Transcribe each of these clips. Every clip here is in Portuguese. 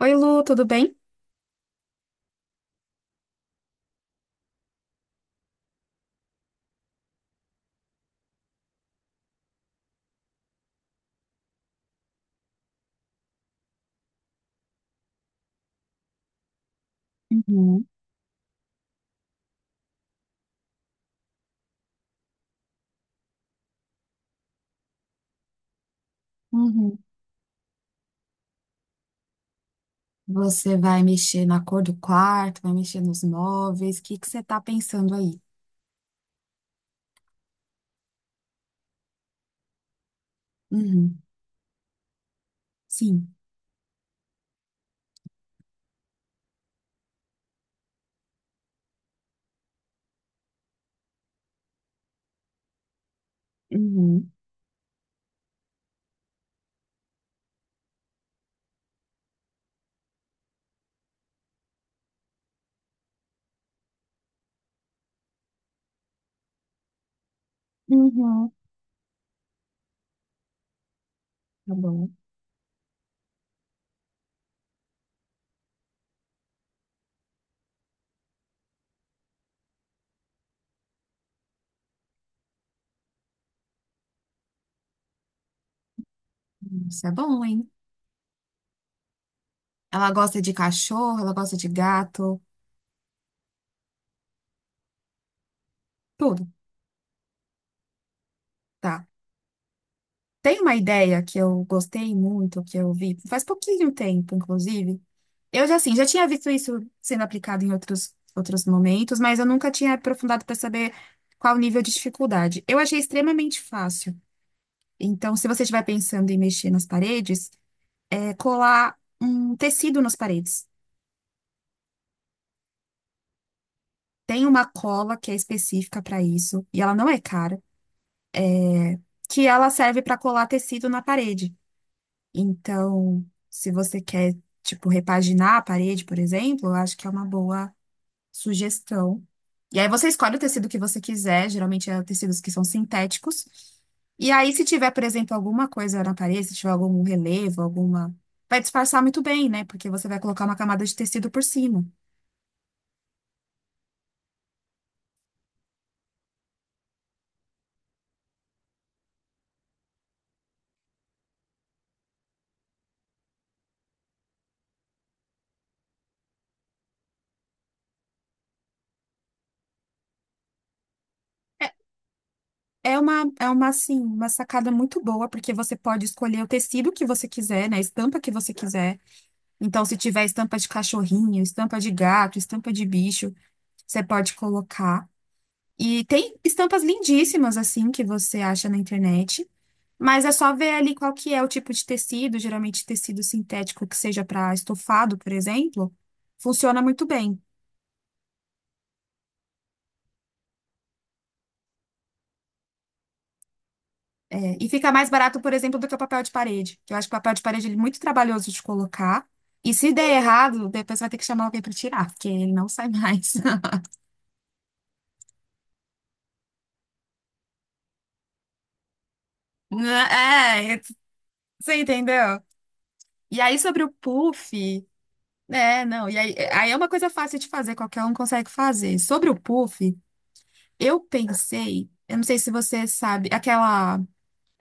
Oi, Lu, tudo bem? Uhum, uhum. Você vai mexer na cor do quarto, vai mexer nos móveis, o que que você tá pensando aí? Uhum, sim. Uhum, uhum. Tá bom. Isso é bom, hein? Ela gosta de cachorro, ela gosta de gato, tudo, tá. Tem uma ideia que eu gostei muito, que eu vi faz pouquinho tempo, inclusive. Eu já, assim, já tinha visto isso sendo aplicado em outros momentos, mas eu nunca tinha aprofundado para saber qual o nível de dificuldade. Eu achei extremamente fácil. Então, se você estiver pensando em mexer nas paredes, é colar um tecido nas paredes. Tem uma cola que é específica para isso, e ela não é cara, que ela serve para colar tecido na parede. Então, se você quer, tipo, repaginar a parede, por exemplo, eu acho que é uma boa sugestão. E aí você escolhe o tecido que você quiser, geralmente é tecidos que são sintéticos. E aí, se tiver, por exemplo, alguma coisa na parede, se tiver algum relevo, alguma. Vai disfarçar muito bem, né? Porque você vai colocar uma camada de tecido por cima. É é uma, é uma, assim, uma sacada muito boa, porque você pode escolher o tecido que você quiser, né? A estampa que você quiser. Então, se tiver estampa de cachorrinho, estampa de gato, estampa de bicho, você pode colocar. E tem estampas lindíssimas, assim, que você acha na internet. Mas é só ver ali qual que é o tipo de tecido, geralmente tecido sintético que seja para estofado, por exemplo, funciona muito bem. É, e fica mais barato, por exemplo, do que o papel de parede, que eu acho que o papel de parede ele é muito trabalhoso de colocar. E se der errado, depois vai ter que chamar alguém para tirar, porque ele não sai mais. É, você entendeu? E aí sobre o puff, é, não, e aí, aí é uma coisa fácil de fazer, qualquer um consegue fazer. Sobre o puff, eu pensei, eu não sei se você sabe, aquela.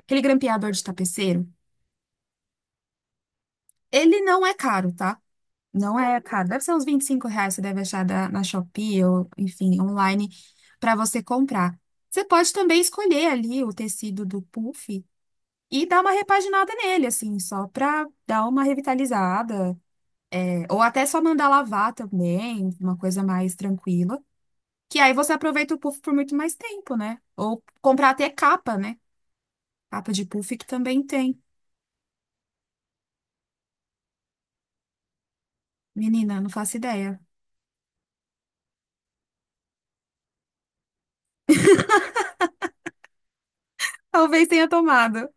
Aquele grampeador de tapeceiro, ele não é caro, tá? Não é caro. Deve ser uns R$ 25, você deve achar na Shopee ou, enfim, online para você comprar. Você pode também escolher ali o tecido do puff e dar uma repaginada nele, assim, só para dar uma revitalizada. É, ou até só mandar lavar também, uma coisa mais tranquila. Que aí você aproveita o puff por muito mais tempo, né? Ou comprar até capa, né? Capa de puff que também tem. Menina, não faço ideia. Talvez tenha tomado.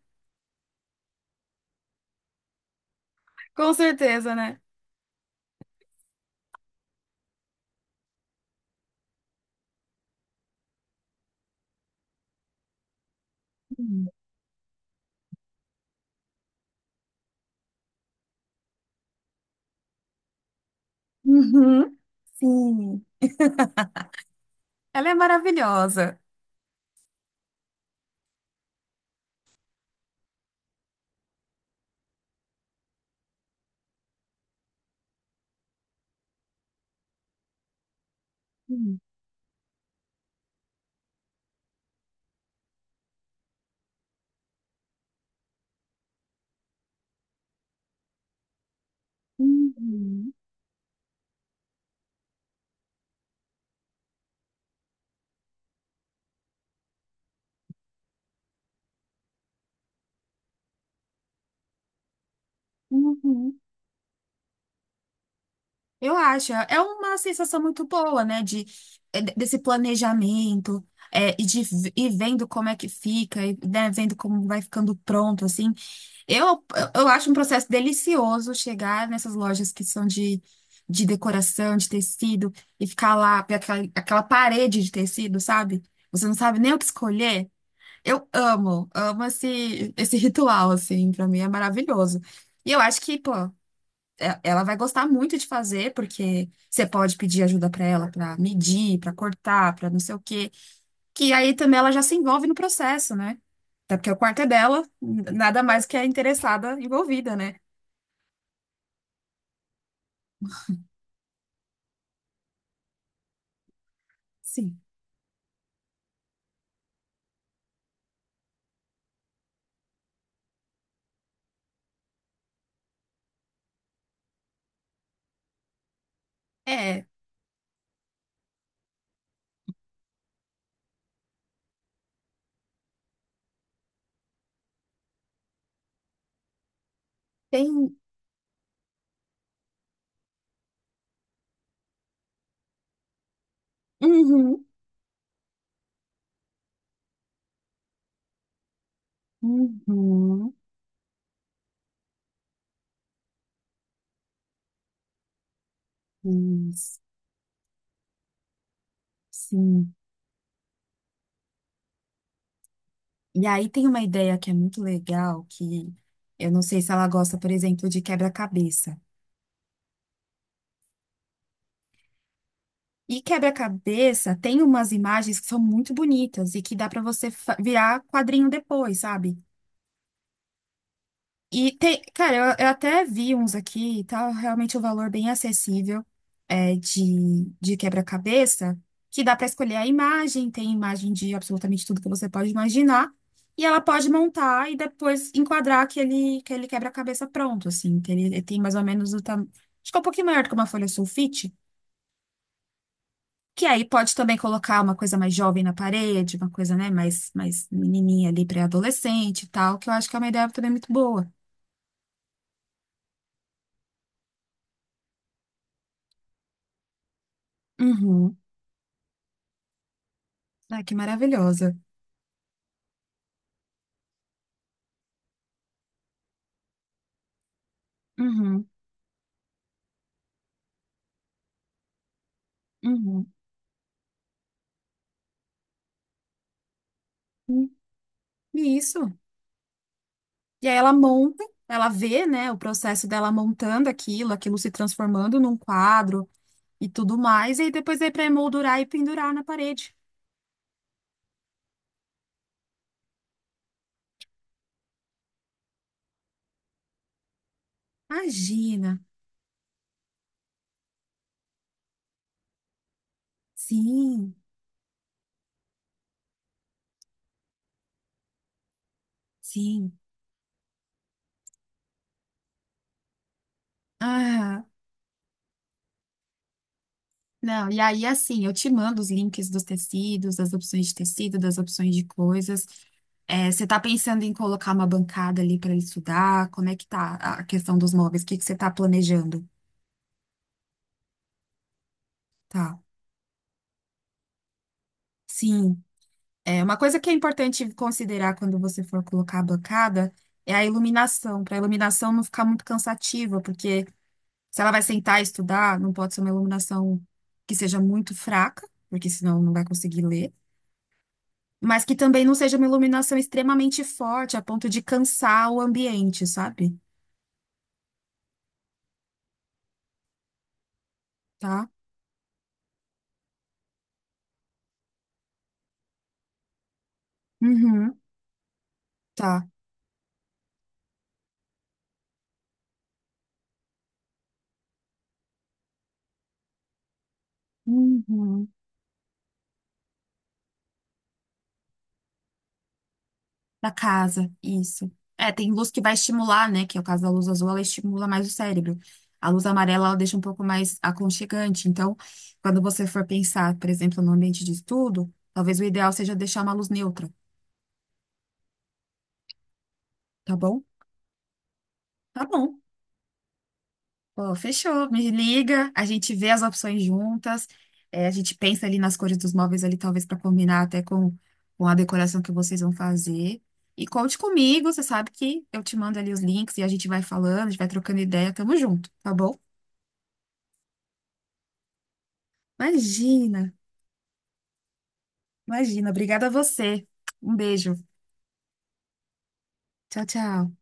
Com certeza, né? Uhum. Uhum. Sim. Ela é maravilhosa. Uhum. Uhum. Uhum. Eu acho. É uma sensação muito boa, né? De, é, desse planejamento, é, e de e vendo como é que fica, e, né, vendo como vai ficando pronto, assim. Eu, eu acho um processo delicioso chegar nessas lojas que são de decoração, de tecido, e ficar lá, ver aquela, aquela parede de tecido, sabe? Você não sabe nem o que escolher. Eu amo, amo esse, esse ritual, assim, pra mim é maravilhoso. E eu acho que, pô, ela vai gostar muito de fazer, porque você pode pedir ajuda pra ela pra medir, pra cortar, pra não sei o quê. Que aí também ela já se envolve no processo, né? Até porque o quarto é dela, nada mais que a interessada envolvida, né? Sim. É, tem. Uhum, uhum, isso, sim. E aí tem uma ideia que é muito legal, que eu não sei se ela gosta, por exemplo, de quebra-cabeça. E quebra-cabeça tem umas imagens que são muito bonitas e que dá para você virar quadrinho depois, sabe? E tem, cara, eu até vi uns aqui e tal, realmente o um valor bem acessível é, de quebra-cabeça, que dá para escolher a imagem, tem imagem de absolutamente tudo que você pode imaginar, e ela pode montar e depois enquadrar aquele, aquele quebra-cabeça pronto, assim, que ele tem mais ou menos o tamanho. Acho que é um pouquinho maior do que uma folha sulfite, que aí pode também colocar uma coisa mais jovem na parede, uma coisa, né, mais, mais menininha ali, pré-adolescente e tal, que eu acho que é uma ideia também muito boa. Uhum. Ah, que maravilhosa. Uhum, uhum. Hum, e isso. E aí ela monta, ela vê, né, o processo dela montando aquilo, aquilo se transformando num quadro e tudo mais, e aí depois é para emoldurar e pendurar na parede. Imagina. Sim, sim. Ah, não. E aí, assim, eu te mando os links dos tecidos, das opções de tecido, das opções de coisas. É, você tá pensando em colocar uma bancada ali para ele estudar? Como é que tá a questão dos móveis? O que que você tá planejando? Tá. Sim, é uma coisa que é importante considerar quando você for colocar a bancada é a iluminação, para a iluminação não ficar muito cansativa, porque se ela vai sentar e estudar, não pode ser uma iluminação que seja muito fraca, porque senão não vai conseguir ler, mas que também não seja uma iluminação extremamente forte, a ponto de cansar o ambiente, sabe? Tá? Uhum, tá. Uhum. Da casa, isso. É, tem luz que vai estimular, né? Que é o caso da luz azul, ela estimula mais o cérebro. A luz amarela, ela deixa um pouco mais aconchegante. Então, quando você for pensar, por exemplo, no ambiente de estudo, talvez o ideal seja deixar uma luz neutra, tá bom? Tá bom. Pô, fechou, me liga, a gente vê as opções juntas, é, a gente pensa ali nas cores dos móveis ali, talvez para combinar até com a decoração que vocês vão fazer. E conte comigo, você sabe que eu te mando ali os links e a gente vai falando, a gente vai trocando ideia, tamo junto, tá bom? Imagina, imagina, obrigada a você. Um beijo, tchau, tchau.